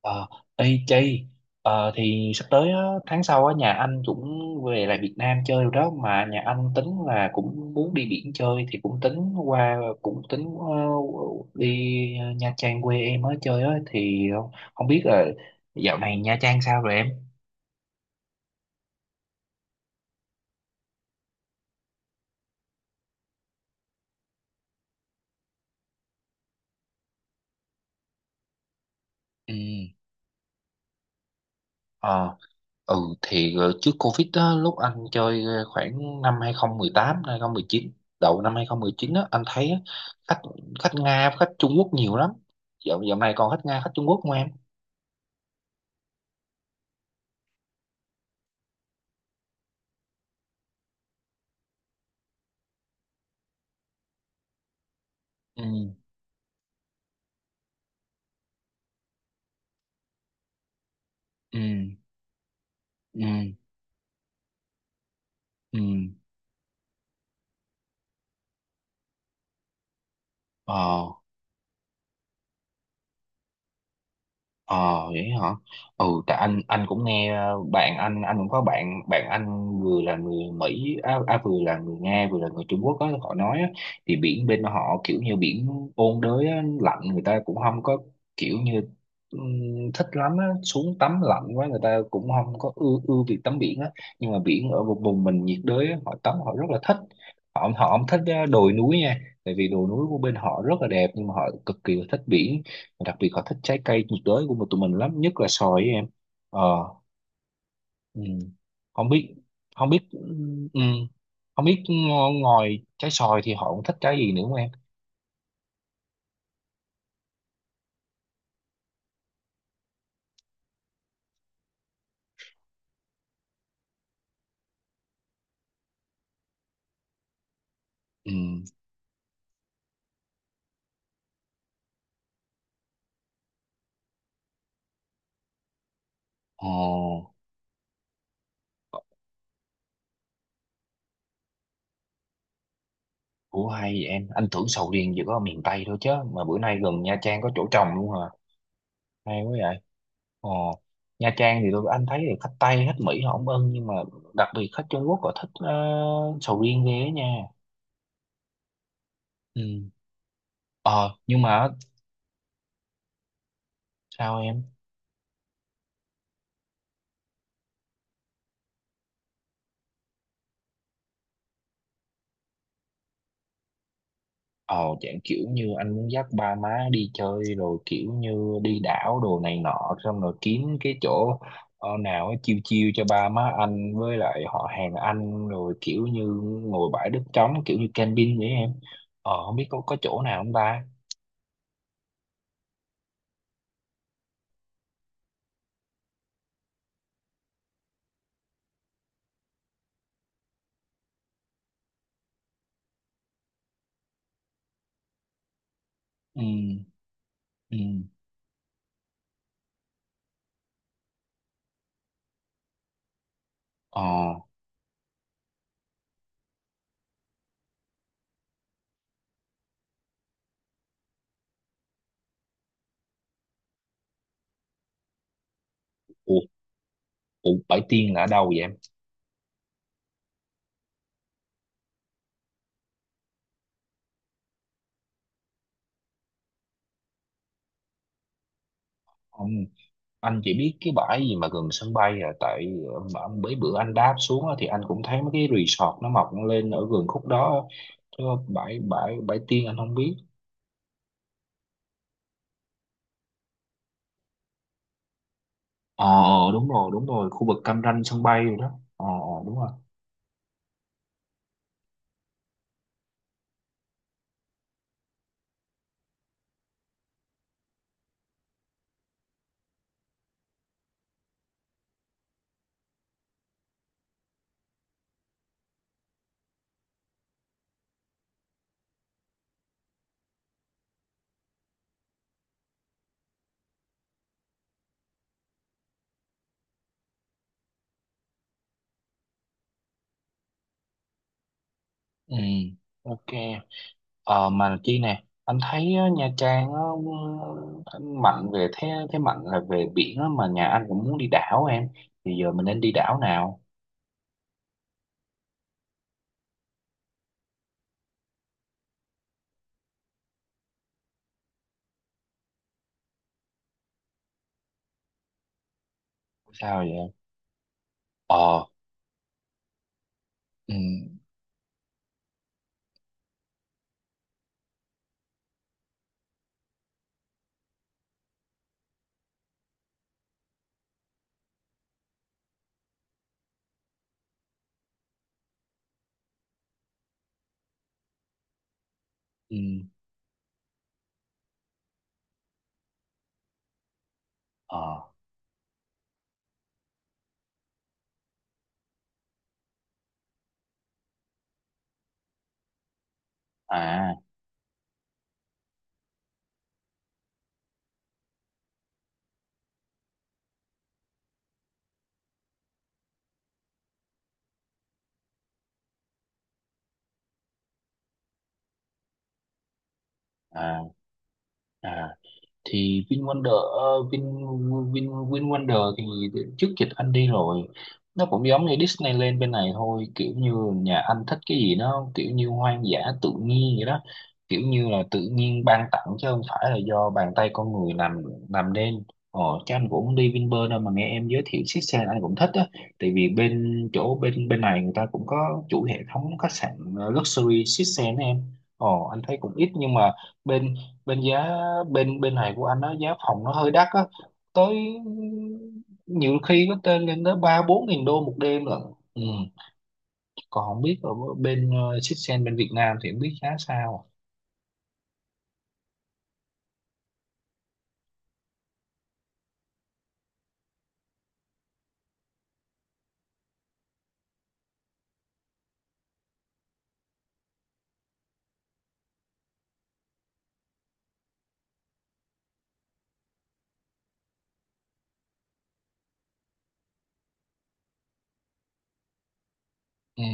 Ờ, ê Chi, thì sắp tới á, tháng sau á, nhà anh cũng về lại Việt Nam chơi rồi đó, mà nhà anh tính là cũng muốn đi biển chơi thì cũng tính qua, cũng tính đi Nha Trang quê em á chơi á, thì không biết là dạo này Nha Trang sao rồi em? Ừ. Ừ, thì trước Covid đó, lúc anh chơi khoảng năm 2018, đầu năm 2019 á, anh thấy á, khách khách Nga, khách Trung Quốc nhiều lắm. Dạo Dạo này còn khách Nga, khách Trung Quốc không em? Ừ. Ừ. Ừ. Ừ. Ờ. Ờ, vậy hả? Ừ, tại anh cũng nghe bạn anh, cũng có bạn bạn anh vừa là người Mỹ, à vừa là người Nga, vừa là người Trung Quốc á, họ nói á, thì biển bên họ kiểu như biển ôn đới á, lạnh, người ta cũng không có kiểu như thích lắm á, xuống tắm lạnh quá, người ta cũng không có ưa ưa việc tắm biển á. Nhưng mà biển ở vùng vùng mình nhiệt đới á, họ tắm họ rất là thích. Họ Họ không thích đồi núi nha, tại vì đồi núi của bên họ rất là đẹp nhưng mà họ cực kỳ là thích biển. Đặc biệt họ thích trái cây nhiệt đới của tụi mình lắm, nhất là xoài ấy, em. Ờ. Ừ. không biết không biết ừ. không biết ngo- ngoài trái xoài thì họ cũng thích trái gì nữa không em? Ừ. Ờ. Ủa, hay vậy em, anh tưởng sầu riêng chỉ có ở miền Tây thôi chứ, mà bữa nay gần Nha Trang có chỗ trồng luôn hả? Hay quá vậy. Ờ, Nha Trang thì anh thấy là khách Tây, khách Mỹ họ không ưng, nhưng mà đặc biệt khách Trung Quốc họ thích sầu riêng ghê á nha. Ừ. ờ nhưng mà sao em? Ờ, dạng kiểu như anh muốn dắt ba má đi chơi, rồi kiểu như đi đảo đồ này nọ, xong rồi kiếm cái chỗ nào ấy, chiêu chiêu cho ba má anh với lại họ hàng anh, rồi kiểu như ngồi bãi đất trống, kiểu như camping vậy em. Ờ, không biết có chỗ nào không ta? Ừ. Ừ. Ờ. ủa, ủa, bãi tiên là ở đâu vậy em? Ừ, anh chỉ biết cái bãi gì mà gần sân bay à, mà mấy bữa anh đáp xuống á, thì anh cũng thấy mấy cái resort nó mọc lên ở gần khúc đó á. Chứ bãi bãi bãi Tiên anh không biết. Ờ, đúng rồi, đúng rồi, khu vực Cam Ranh sân bay rồi đó. Ờ, đúng rồi. Ừ. OK. Ờ, mà Chi nè, anh thấy á, Nha Trang á, ừ, anh mạnh về thế thế mạnh là về biển á, mà nhà anh cũng muốn đi đảo em, thì giờ mình nên đi đảo nào? Sao vậy? Ờ. Ừ. Ừ. Ờ. À. À. À, thì VinWonder, ờ, Vin Vin VinWonder thì trước dịch anh đi rồi. Nó cũng giống như Disneyland bên này thôi, kiểu như nhà anh thích cái gì nó kiểu như hoang dã tự nhiên vậy đó, kiểu như là tự nhiên ban tặng chứ không phải là do bàn tay con người làm nên. Ờ, chứ anh cũng không đi Vinpearl đâu, mà nghe em giới thiệu chiếc xe anh cũng thích á. Tại vì bên chỗ bên bên này người ta cũng có chuỗi hệ thống khách sạn luxury chiếc xe đó em. Ờ, anh thấy cũng ít, nhưng mà bên bên giá bên bên này của anh nó giá phòng nó hơi đắt á, tới nhiều khi có tên lên tới ba bốn nghìn đô một đêm lận. Ừ. Còn không biết ở bên Sitsen bên Việt Nam thì không biết giá sao. Ừ.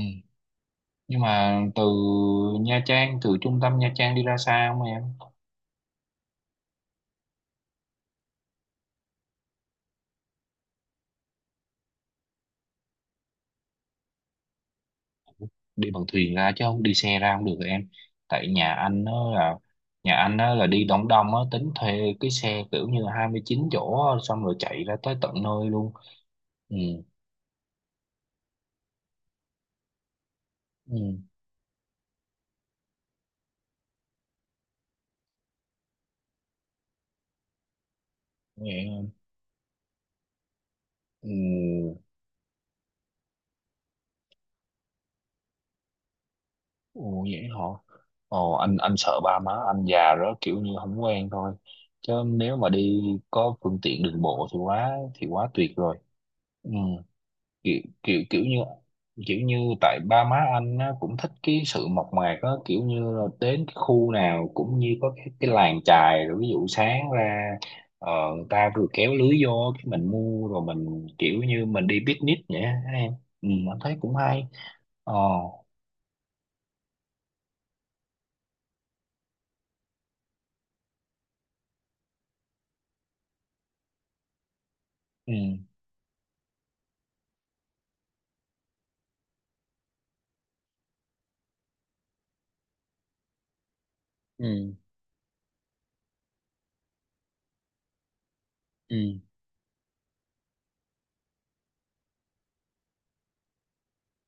Nhưng mà từ trung tâm Nha Trang đi ra xa không em? Đi bằng thuyền ra chứ không đi xe ra không được rồi em? Tại nhà anh đó là đi đóng Đông á, tính thuê cái xe kiểu như 29 chỗ á, xong rồi chạy ra tới tận nơi luôn. Ừ. Ừ. Ừ, ồ vậy hả? Ồ, anh sợ ba má anh già đó, kiểu như không quen thôi. Chứ nếu mà đi có phương tiện đường bộ thì quá tuyệt rồi. Ừ, kiểu kiểu kiểu như tại ba má anh á, cũng thích cái sự mộc mạc á, kiểu như là đến cái khu nào cũng như có cái làng chài, rồi ví dụ sáng ra người ta vừa kéo lưới vô cái mình mua, rồi mình kiểu như mình đi picnic vậy á, ha em. Ừ, anh thấy cũng hay. Ờ. Ừ. Ừ. Ừ.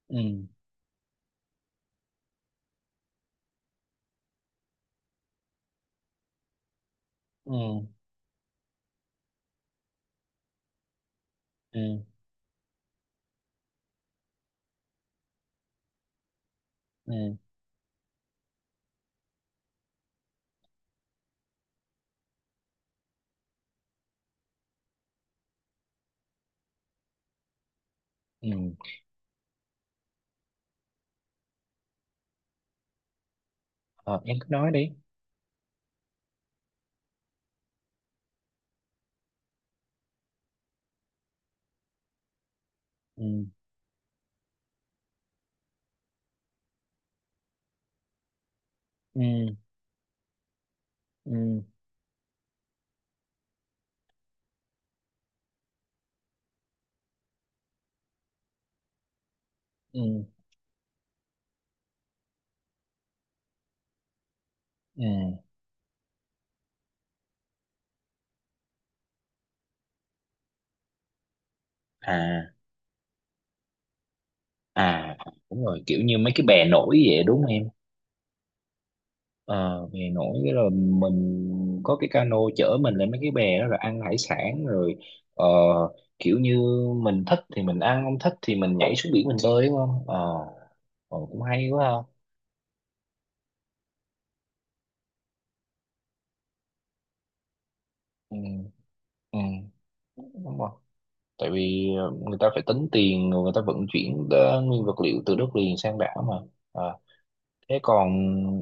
Ừ. Ừ. Ừ. Ừ. Ừ. Ờ, em cứ nói đi. Ừ. Ừ. Ừ. Ừ. Ừ. À. À, đúng rồi, kiểu như mấy cái bè nổi vậy đúng không em? Ờ, bè nổi cái rồi mình có cái cano chở mình lên mấy cái bè đó rồi ăn hải sản rồi, ờ, kiểu như mình thích thì mình ăn, không thích thì mình nhảy xuống biển mình bơi đúng không. Ờ. Ờ, cũng hay quá ha. Ừ. Ừ, đúng rồi, tại vì người ta phải tính tiền, rồi người ta vận chuyển nguyên vật liệu từ đất liền sang đảo mà. À, thế còn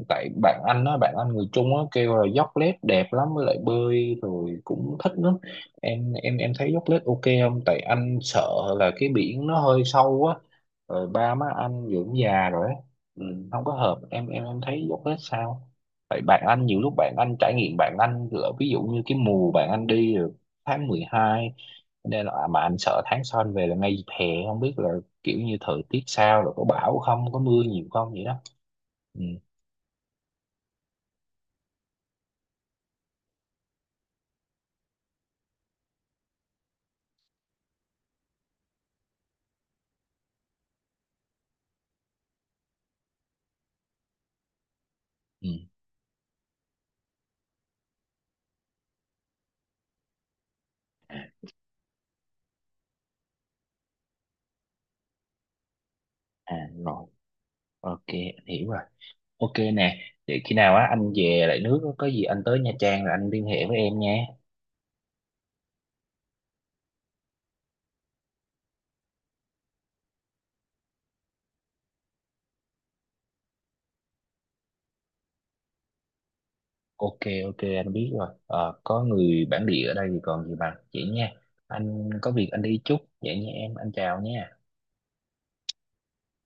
tại bạn anh á, bạn anh người Trung á kêu là dốc lết đẹp lắm, với lại bơi rồi cũng thích lắm. Em thấy dốc lết OK không? Tại anh sợ là cái biển nó hơi sâu á, rồi ba má anh dưỡng già rồi á, ừ, không có hợp. Em thấy dốc lết sao? Tại bạn anh nhiều lúc bạn anh trải nghiệm, bạn anh lỡ, ví dụ như cái mùa bạn anh đi là tháng 12, nên là mà anh sợ tháng sau anh về là ngay dịp hè, không biết là kiểu như thời tiết sao rồi, có bão không, có mưa nhiều không, vậy đó. Ừ. Ừ. À rồi, OK, anh hiểu rồi. OK nè, vậy khi nào á anh về lại nước có gì anh tới Nha Trang là anh liên hệ với em nha. OK, OK, anh biết rồi. Ờ, có người bản địa ở đây thì còn gì bằng. Vậy nha, anh có việc anh đi chút. Vậy nha em, anh chào nha.